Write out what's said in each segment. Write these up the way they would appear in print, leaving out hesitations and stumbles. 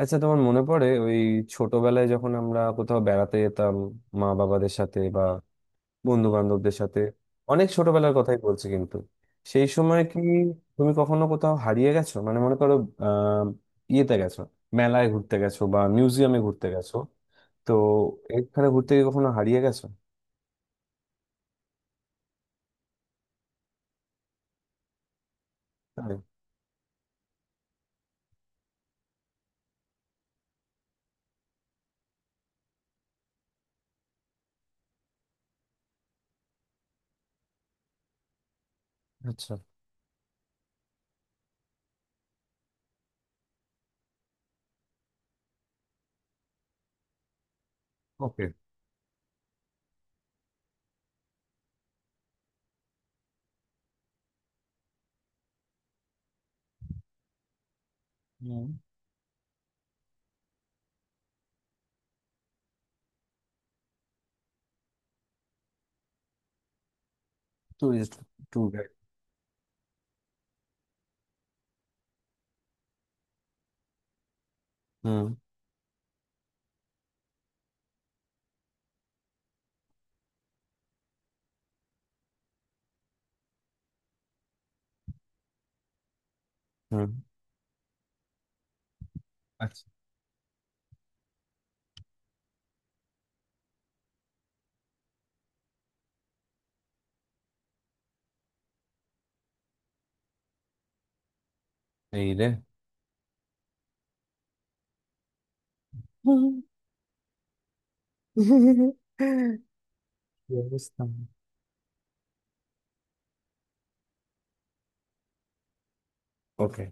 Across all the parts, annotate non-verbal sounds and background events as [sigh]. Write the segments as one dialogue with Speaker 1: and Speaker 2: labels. Speaker 1: আচ্ছা, তোমার মনে পড়ে ওই ছোটবেলায় যখন আমরা কোথাও বেড়াতে যেতাম মা বাবাদের সাথে বা বন্ধু বান্ধবদের সাথে? অনেক ছোটবেলার কথাই বলছি কিন্তু। সেই সময় কি তুমি কখনো কোথাও হারিয়ে গেছো? মানে মনে করো, আহ ইয়েতে গেছো, মেলায় ঘুরতে গেছো বা মিউজিয়ামে ঘুরতে গেছো। তো এখানে ঘুরতে গিয়ে কখনো হারিয়ে গেছো? তাই? আচ্ছা। ওকে। হুম। টুরিস্ট। Tour guide. হুম হুম। আচ্ছা। এই রে [laughs] হুম। কি অবস্থা? ওকে।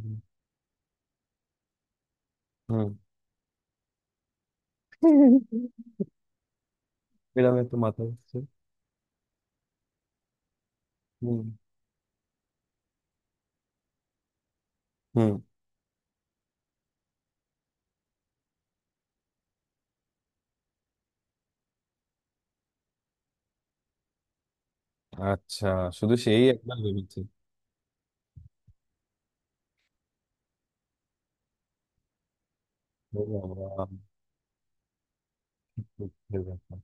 Speaker 1: হুম। হুম। এরকম একটু মাথা ঘুরছে। হুম হুম। আচ্ছা, শুধু সেই একবার ভেবেছি। ও বাবা, দুঃখের ব্যাপার।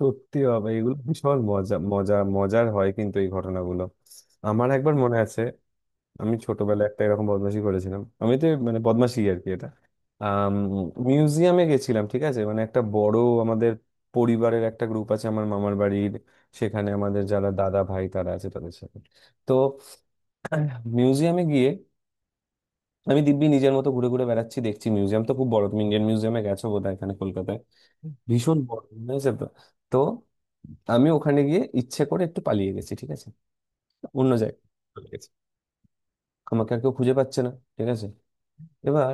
Speaker 1: সত্যি বাবা, এগুলো ভীষণ মজা মজা মজার হয় কিন্তু এই ঘটনাগুলো। আমার একবার মনে আছে, আমি ছোটবেলায় একটা এরকম বদমাশি করেছিলাম। আমি তো, মানে, বদমাশি আর কি এটা। আম, মিউজিয়ামে গেছিলাম, ঠিক আছে। মানে একটা বড় আমাদের পরিবারের একটা গ্রুপ আছে আমার মামার বাড়ির। সেখানে আমাদের যারা দাদা ভাই তারা আছে তাদের সাথে। তো মিউজিয়ামে গিয়ে আমি দিব্যি নিজের মতো ঘুরে ঘুরে বেড়াচ্ছি, দেখছি মিউজিয়াম তো খুব বড়। তুমি ইন্ডিয়ান মিউজিয়ামে গেছো বোধহয়, এখানে কলকাতায়। ভীষণ বড় হয়েছে তো। তো আমি ওখানে গিয়ে ইচ্ছে করে একটু পালিয়ে গেছি, ঠিক আছে। অন্য জায়গায় চলে গেছি। আমাকে আর কেউ খুঁজে পাচ্ছে না, ঠিক আছে। এবার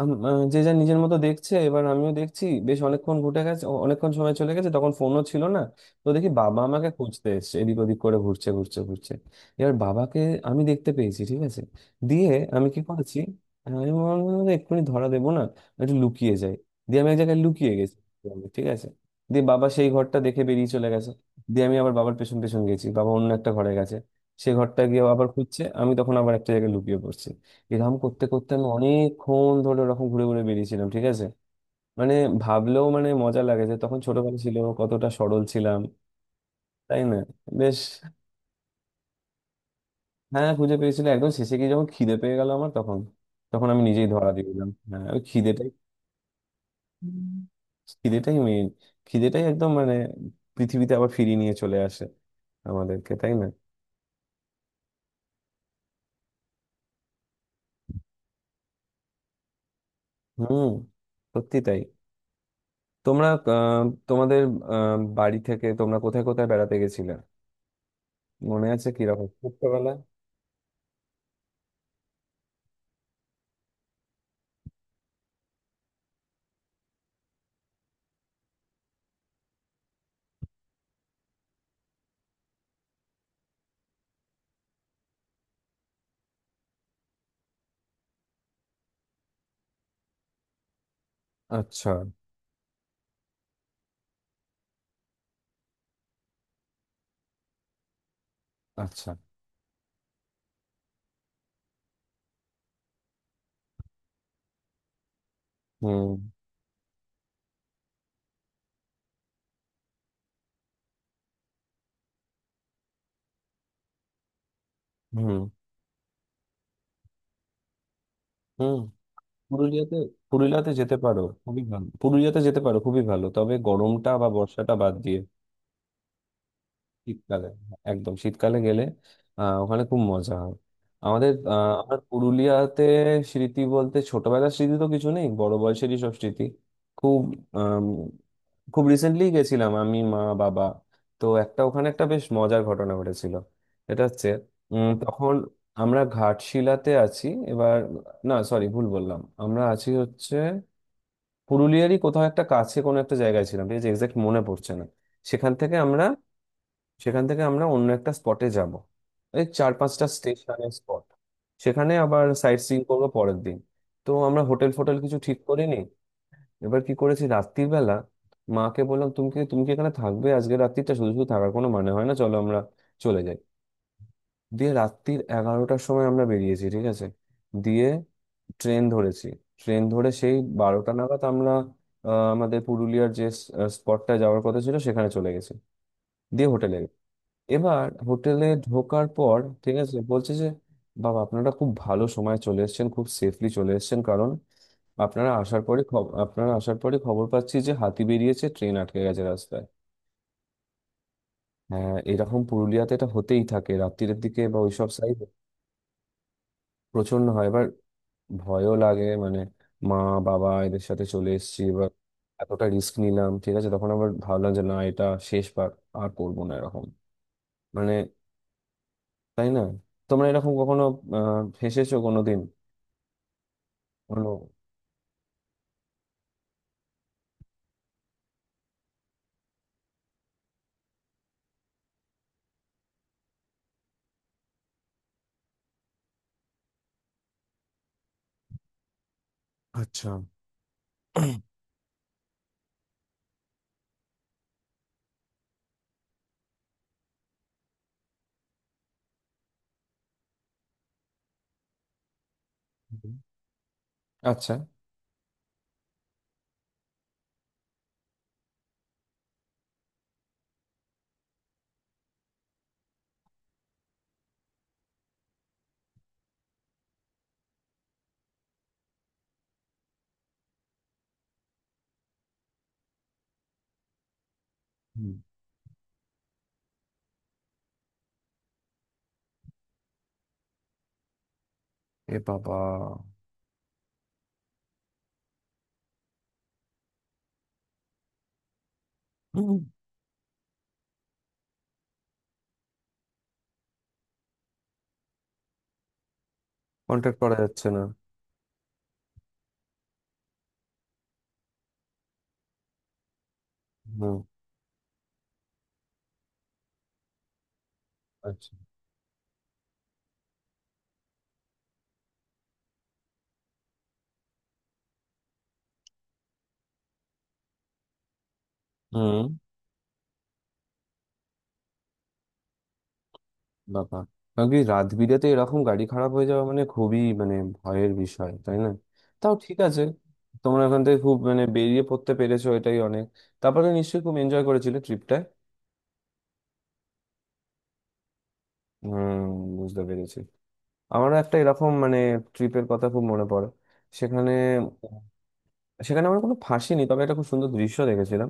Speaker 1: যে যা নিজের মতো দেখছে, এবার আমিও দেখছি। বেশ অনেকক্ষণ ঘুটে গেছে, অনেকক্ষণ সময় চলে গেছে, তখন ফোনও ছিল না। তো দেখি বাবা আমাকে খুঁজতে এসছে, এদিক ওদিক করে ঘুরছে ঘুরছে ঘুরছে। এবার বাবাকে আমি দেখতে পেয়েছি, ঠিক আছে। দিয়ে আমি কি করেছি, আমি ভাবলাম, "আরে, এক্ষুনি ধরা দেবো না, একটু লুকিয়ে যাই।" দিয়ে আমি এক জায়গায় লুকিয়ে গেছি। আমি, ঠিক আছে, দিয়ে বাবা সেই ঘরটা দেখে বেরিয়ে চলে গেছে। দিয়ে আমি আবার বাবার পেছন পেছন গেছি, বাবা অন্য একটা ঘরে গেছে। সে ঘরটা গিয়ে আবার খুঁজছে, আমি তখন আবার একটা জায়গায় লুকিয়ে পড়ছি। এরকম করতে করতে আমি অনেকক্ষণ ধরে ওরকম ঘুরে ঘুরে বেরিয়েছিলাম, ঠিক আছে। মানে, ভাবলেও মানে মজা লাগে যে তখন ছোটবেলা ছিল, কতটা সরল ছিলাম, তাই না? বেশ। হ্যাঁ, খুঁজে পেয়েছিল একদম শেষে গিয়ে যখন খিদে পেয়ে গেল আমার, তখন, তখন আমি নিজেই ধরা দিয়ে দিলাম। হ্যাঁ, ওই খিদেটাই। খিদেটাই মেইন। খিদেটাই একদম মানে পৃথিবীতে আবার ফিরিয়ে নিয়ে চলে আসে আমাদেরকে, তাই না? হুম, সত্যি তাই। তোমরা তোমাদের বাড়ি থেকে তোমরা কোথায় কোথায় বেড়াতে গেছিলে মনে আছে কিরকম ছোটবেলায়? আচ্ছা আচ্ছা। হুম হুম হুম। পুরুলিয়াতে? পুরুলিয়াতে যেতে পারো, খুবই ভালো। পুরুলিয়াতে যেতে পারো, খুবই ভালো, তবে গরমটা বা বর্ষাটা বাদ দিয়ে। শীতকালে, একদম শীতকালে গেলে ওখানে খুব মজা হয়। আমাদের আমার পুরুলিয়াতে স্মৃতি বলতে ছোটবেলার স্মৃতি তো কিছু নেই, বড় বয়সেরই সব স্মৃতি। খুব আম, খুব রিসেন্টলি গেছিলাম আমি, মা বাবা। তো একটা ওখানে একটা বেশ মজার ঘটনা ঘটেছিল। এটা হচ্ছে, তখন আমরা ঘাটশিলাতে আছি। এবার, না সরি ভুল বললাম, আমরা আছি হচ্ছে পুরুলিয়ারই কোথাও একটা কাছে কোনো একটা জায়গায় ছিলাম, ঠিক আছে, এক্সাক্ট মনে পড়ছে না। সেখান থেকে আমরা সেখান থেকে আমরা অন্য একটা স্পটে যাব। এই চার পাঁচটা স্টেশনের স্পট, সেখানে আবার সাইট সিইং করবো পরের দিন। তো আমরা হোটেল ফোটেল কিছু ঠিক করিনি। এবার কি করেছি রাত্রির বেলা, মাকে বললাম, তুমি কি এখানে থাকবে আজকে রাত্রিটা? শুধু শুধু থাকার কোনো মানে হয় না, চলো আমরা চলে যাই। দিয়ে রাত্রির 11টার সময় আমরা বেরিয়েছি, ঠিক আছে। দিয়ে ট্রেন ধরেছি, ট্রেন ধরে সেই 12টা নাগাদ আমরা আহ, আমাদের পুরুলিয়ার যে স্পটটা যাওয়ার কথা ছিল সেখানে চলে গেছি। দিয়ে হোটেলে, এবার হোটেলে ঢোকার পর, ঠিক আছে, বলছে যে বাবা আপনারা খুব ভালো সময় চলে এসেছেন, খুব সেফলি চলে এসেছেন, কারণ আপনারা আসার পরে খবর পাচ্ছি যে হাতি বেরিয়েছে, ট্রেন আটকে গেছে রাস্তায়। হ্যাঁ, এরকম পুরুলিয়াতে এটা হতেই থাকে রাত্রিরের দিকে বা ওইসব সাইড। প্রচন্ড হয়। এবার ভয়ও লাগে মানে, মা বাবা এদের সাথে চলে এসেছি, এবার এতটা রিস্ক নিলাম, ঠিক আছে। তখন আবার ভাবলাম যে না, এটা শেষবার, আর করবো না এরকম। মানে, তাই না? তোমরা এরকম কখনো ফেঁসেছো কোনোদিন কোনো? আচ্ছা। হুম, আচ্ছা। হুম। এ বাবা। কন্ট্যাক্ট করা যাচ্ছে না। হুম। আচ্ছা। হুম। বাবা, কারণ কি রাত বিরেতে এরকম গাড়ি খারাপ হয়ে যাওয়া মানে খুবই মানে ভয়ের বিষয়, তাই না? তাও ঠিক আছে, তোমরা ওখান থেকে খুব মানে বেরিয়ে পড়তে পেরেছো, এটাই অনেক। তারপরে নিশ্চয়ই খুব এনজয় করেছিলে ট্রিপটা। হুম, বুঝতে পেরেছি। আমারও একটা এরকম মানে ট্রিপের কথা খুব মনে পড়ে। সেখানে, সেখানে আমার কোনো ফাঁসি নেই তবে একটা খুব সুন্দর দৃশ্য দেখেছিলাম।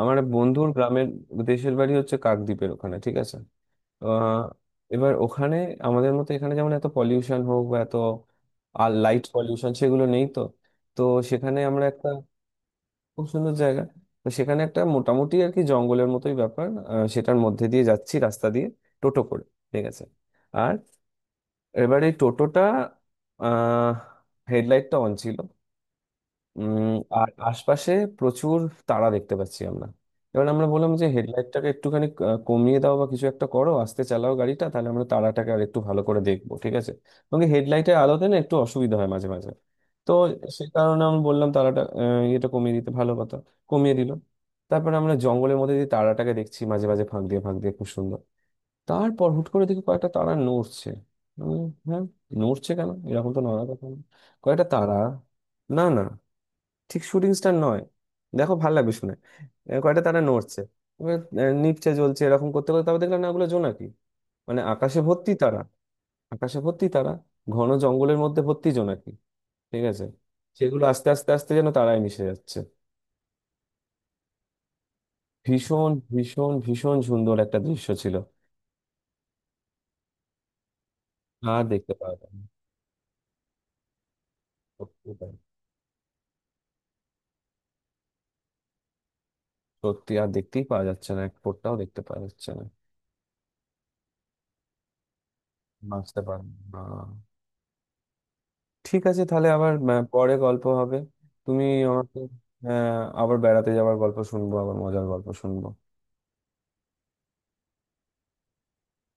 Speaker 1: আমার এক বন্ধুর গ্রামের দেশের বাড়ি হচ্ছে কাকদ্বীপের ওখানে, ঠিক আছে। আহ, এবার ওখানে আমাদের মতো এখানে যেমন এত পলিউশন হোক বা এত, আর লাইট পলিউশন, সেগুলো নেই তো। তো সেখানে আমরা একটা, খুব সুন্দর জায়গা। তো সেখানে একটা মোটামুটি আর কি জঙ্গলের মতোই ব্যাপার, সেটার মধ্যে দিয়ে যাচ্ছি রাস্তা দিয়ে, টোটো করে, ঠিক আছে। আর এবার এই টোটোটা আহ হেডলাইটটা অন ছিল। উম আর আশপাশে প্রচুর তারা দেখতে পাচ্ছি আমরা। এবার আমরা বললাম যে হেডলাইটটাকে একটুখানি কমিয়ে দাও বা কিছু একটা করো, আস্তে চালাও গাড়িটা, তাহলে আমরা তারাটাকে আর একটু ভালো করে দেখবো, ঠিক আছে। এবং হেডলাইটের আলোতে না একটু অসুবিধা হয় মাঝে মাঝে। তো সে কারণে আমি বললাম তারাটা, এটা কমিয়ে দিতে ভালো কথা। কমিয়ে দিল। তারপরে আমরা জঙ্গলের মধ্যে দিয়ে তারাটাকে দেখছি, মাঝে মাঝে ফাঁক দিয়ে ফাঁক দিয়ে, খুব সুন্দর। তারপর হুট করে দেখি কয়েকটা তারা নড়ছে। আমি, হ্যাঁ, নড়ছে কেন? এরকম তো নড়ার কথা না। কয়েকটা তারা, না না, ঠিক শুটিং স্টার নয়, দেখো ভালো লাগবে শুনে। কয়টা তারা নড়ছে, এবার, নিচে জ্বলছে, এরকম করতে করতে তারপর দেখলাম না ওগুলো জোনাকি। মানে আকাশে ভর্তি তারা, আকাশে ভর্তি তারা, ঘন জঙ্গলের মধ্যে ভর্তি জোনাকি, ঠিক আছে। সেগুলো আস্তে আস্তে আস্তে যেন তারায় মিশে যাচ্ছে। ভীষণ ভীষণ ভীষণ সুন্দর একটা দৃশ্য ছিল। আর দেখতে পাওয়া যায় না। সত্যি তাই। সত্যি আর দেখতেই পাওয়া যাচ্ছে না, এক ফোঁটাও দেখতে পাওয়া যাচ্ছে না। বাঁচতে পারে না। ঠিক আছে, তাহলে আবার পরে গল্প হবে। তুমি আমাকে আবার বেড়াতে যাওয়ার গল্প শুনবো, আবার মজার গল্প শুনবো।